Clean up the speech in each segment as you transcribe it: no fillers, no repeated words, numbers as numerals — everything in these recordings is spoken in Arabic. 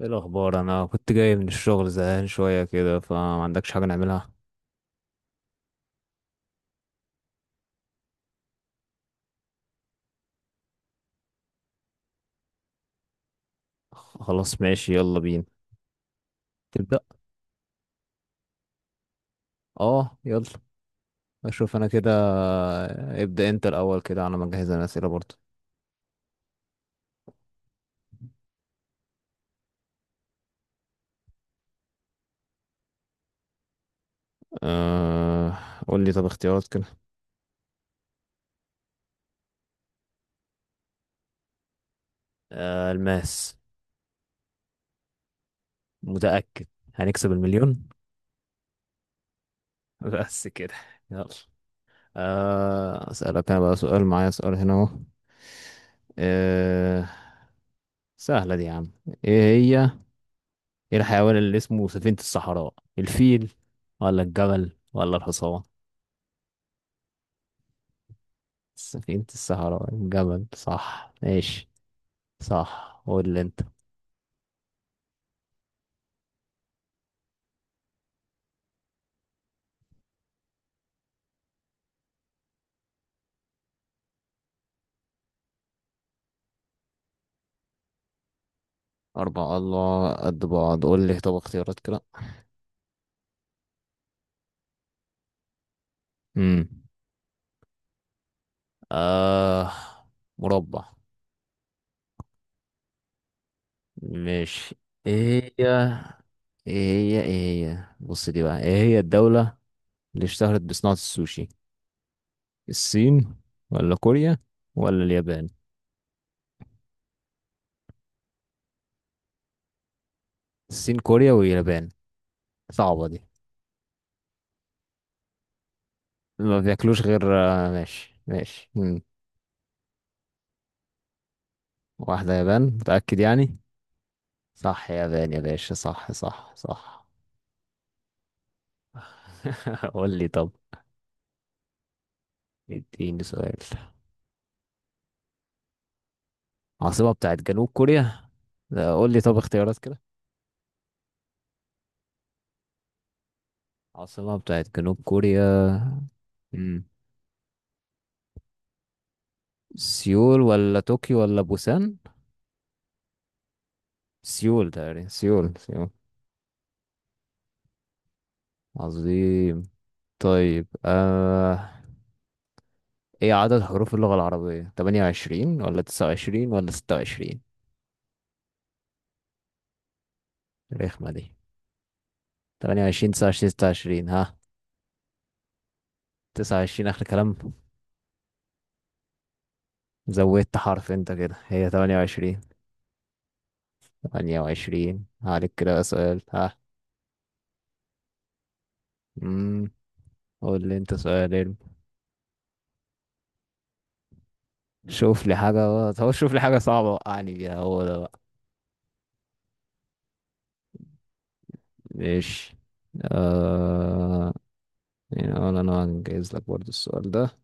ايه الاخبار؟ انا كنت جاي من الشغل زهقان شويه كده، فما عندكش حاجه نعملها؟ خلاص، ماشي، يلا بينا. تبدا؟ اه، يلا. اشوف انا كده. ابدا انت الاول كده على ما اجهز انا اسئله برضه. أه... قول لي طب اختيارات كده. الماس. متاكد. هنكسب المليون. بس كده. يلا. اسالك انا بقى سؤال، معايا سؤال هنا اهو. أه... سهله دي يا عم. ايه هي؟ ايه الحيوان اللي اسمه سفينة الصحراء؟ الفيل ولا الجمل ولا الحصان؟ سفينة الصحراء الجمل، صح، ماشي. صح، قول لي انت. أربعة، الله قد بعض، قول لي طب اختيارات كده. امم آه، مربع. ماشي. ايه هي ايه ايه هي، بص دي بقى، ايه هي الدولة اللي اشتهرت بصناعة السوشي؟ الصين ولا كوريا ولا اليابان؟ الصين، كوريا، واليابان. صعبة دي. ما بياكلوش غير، ماشي ماشي. مم. واحدة يابان، متأكد يعني؟ صح، يابان يا باشا، صح، صح، صح. قول لي طب. اديني سؤال. عاصمة بتاعت جنوب كوريا؟ لا، قول لي طب اختيارات كده. عاصمة بتاعت جنوب كوريا. مم. سيول ولا طوكيو ولا بوسان؟ سيول، تقريبا سيول سيول. عظيم. طيب. ايه عدد حروف اللغة العربية، 28 ولا 29 ولا 26؟ الرخمة دي. تمانية وعشرين، تسعة وعشرين، ستة وعشرين، ها؟ تسعة وعشرين آخر كلام؟ زودت حرف أنت، كده هي تمانية وعشرين. تمانية وعشرين، عليك كده بقى سؤال، ها؟ مم. قول لي أنت سؤال علم. شوف لي حاجة صعبة وقعني بيها، هو ده بقى. ماشي. آه... يعني أنا هنجهز لك برضو السؤال ده.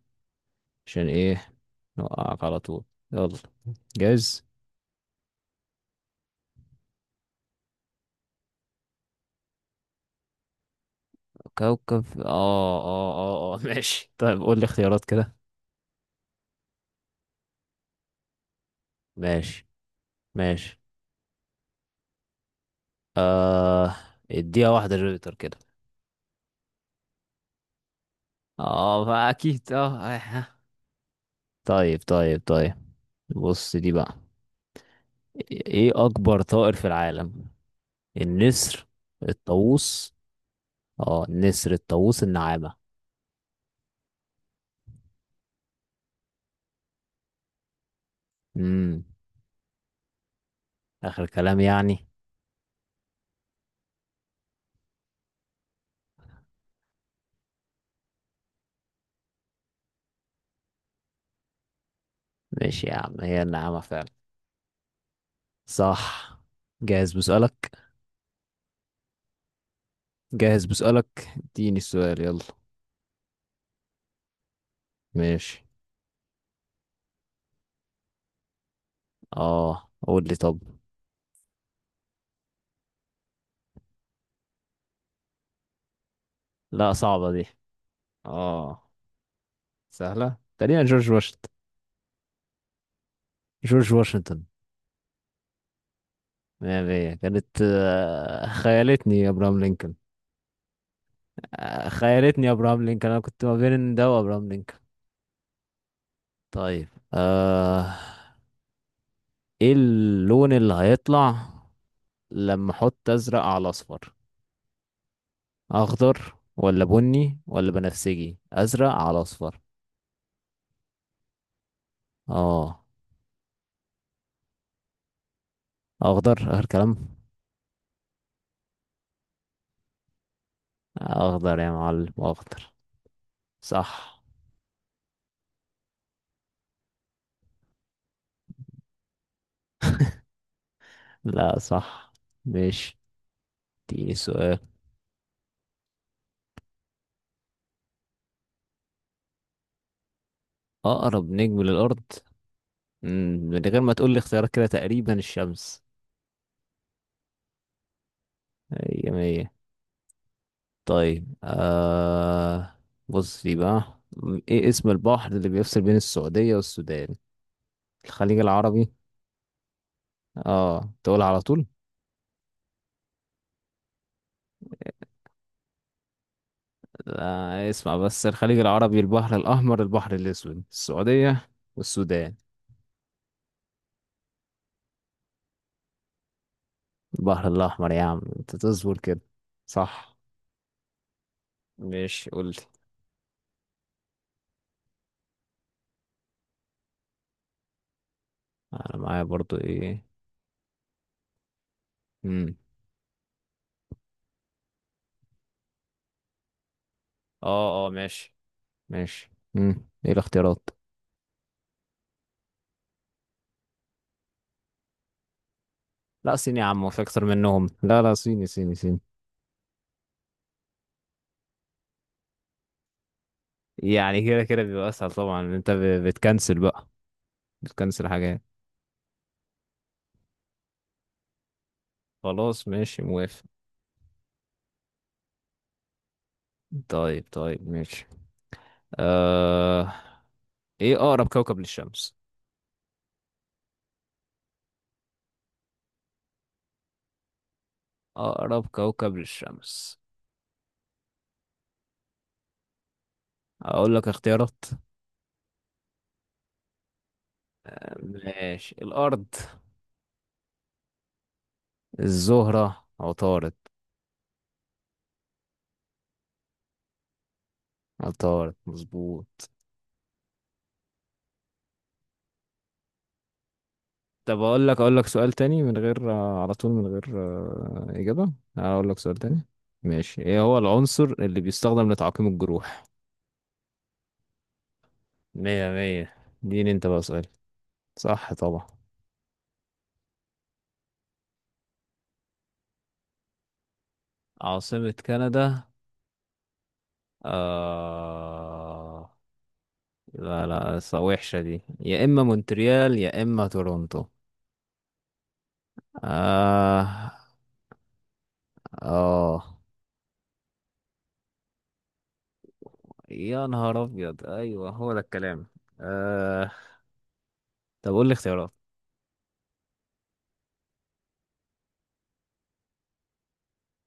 عشان إيه؟ نوقعك على طول. يلا. جاهز؟ كوكب؟ ماشي، طيب، قول لي اختيارات كده. ماشي. ماشي. آه، اديها واحدة جوبيتر كده. اه، فاكيد اه، آه. طيب، طيب، طيب. بص دي بقى. ايه اكبر طائر في العالم؟ النسر. الطاووس. اه، النسر، الطاووس، النعامة. امم اخر كلام يعني؟ ماشي يا عم، هي النعامة فعلا. صح. جاهز بسؤالك؟ جاهز بسؤالك؟ اديني السؤال يلا. ماشي. اه، قول لي طب. لا، صعبة دي. اه، سهلة تقريبا، جورج واشنطن. جورج واشنطن. مية مية، كانت خيالتني يا ابراهام لينكولن. خيالتني يا ابراهام لينكولن، انا كنت ما بين ده وابراهام لينكولن. طيب. ايه اللون اللي هيطلع لما احط ازرق على اصفر؟ اخضر ولا بني ولا بنفسجي؟ ازرق على اصفر؟ اه. اخضر اخر كلام؟ اخضر يا معلم، اخضر. صح. لا، صح. مش دي سؤال. اقرب نجم للارض؟ مم، من غير ما تقول لي اختيارات، كده تقريبا الشمس. مية مية. طيب. بص دي بقى. ايه اسم البحر اللي بيفصل بين السعودية والسودان؟ الخليج العربي؟ اه، تقول على طول. اسمع بس، الخليج العربي، البحر الأحمر، البحر الأسود؟ السعودية والسودان. البحر الأحمر يا عم، انت تصبر كده. صح. ماشي، قلت. انا معايا برضو ايه. مم. اه، اه، ماشي. ماشي. مم. ايه الاختيارات؟ لا صيني يا عم، في اكتر منهم، لا، لا، صيني صيني صيني. يعني كده كده بيبقى اسهل طبعا، ان انت بتكنسل بقى. بتكنسل حاجات. خلاص، ماشي، موافق. طيب، طيب، ماشي. آه... ايه اقرب كوكب للشمس؟ اقرب كوكب للشمس. اقول لك اختيارات. ماشي، الارض. الزهرة، عطارد. عطارد مظبوط. طب اقول لك سؤال تاني من غير على طول، من غير اجابة. اقول لك سؤال تاني. ماشي. ايه هو العنصر اللي بيستخدم لتعقيم الجروح؟ مية مية. دين انت بقى سؤال. صح طبعا. عاصمة كندا؟ آه... لا، لا، وحشة دي، يا إما مونتريال يا إما تورونتو. آه. آه. يا نهار أبيض، أيوه، هو ده الكلام. آه... طب قول لي اختيارات.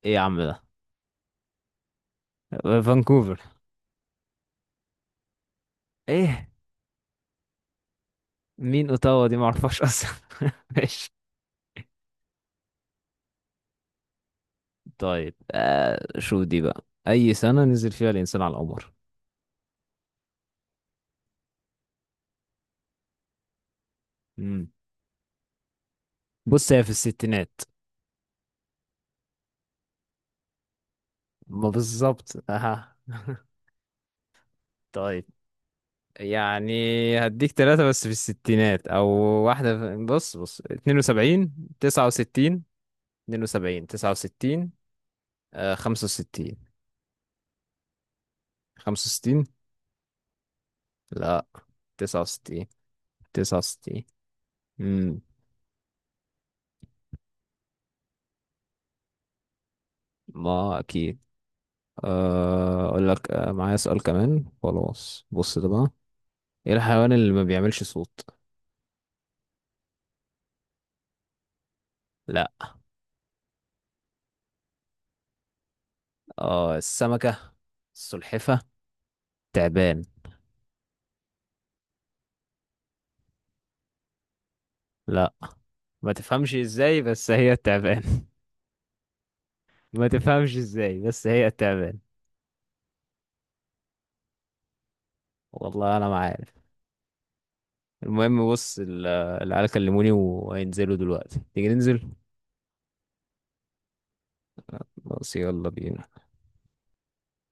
إيه يا عم ده؟ فانكوفر. إيه؟ مين أوتاوا دي؟ معرفهاش أصلا. ماشي. طيب. شو دي بقى؟ أي سنة نزل فيها الإنسان على القمر؟ مم. بص، هي في الستينات. ما بالظبط، أها. طيب. يعني. هديك ثلاثة بس في الستينات، أو واحدة بص بص، اتنين وسبعين. تسعة وستين. اتنين وسبعين، تسعة وستين. آه، خمسة وستين. خمسة وستين. لا. تسعة وستين. تسعة وستين. امم ما أكيد. أقول لك معايا سؤال كمان، خلاص بص ده بقى. إيه الحيوان اللي ما بيعملش صوت؟ لا. آه، السمكة. السلحفة. تعبان. لا. ما تفهمش ازاي، بس هي التعبان. ما تفهمش ازاي، بس هي التعبان. والله انا ما عارف. المهم بص العيال كلموني وهينزلوا دلوقتي، تيجي ننزل؟ بس، يلا بينا.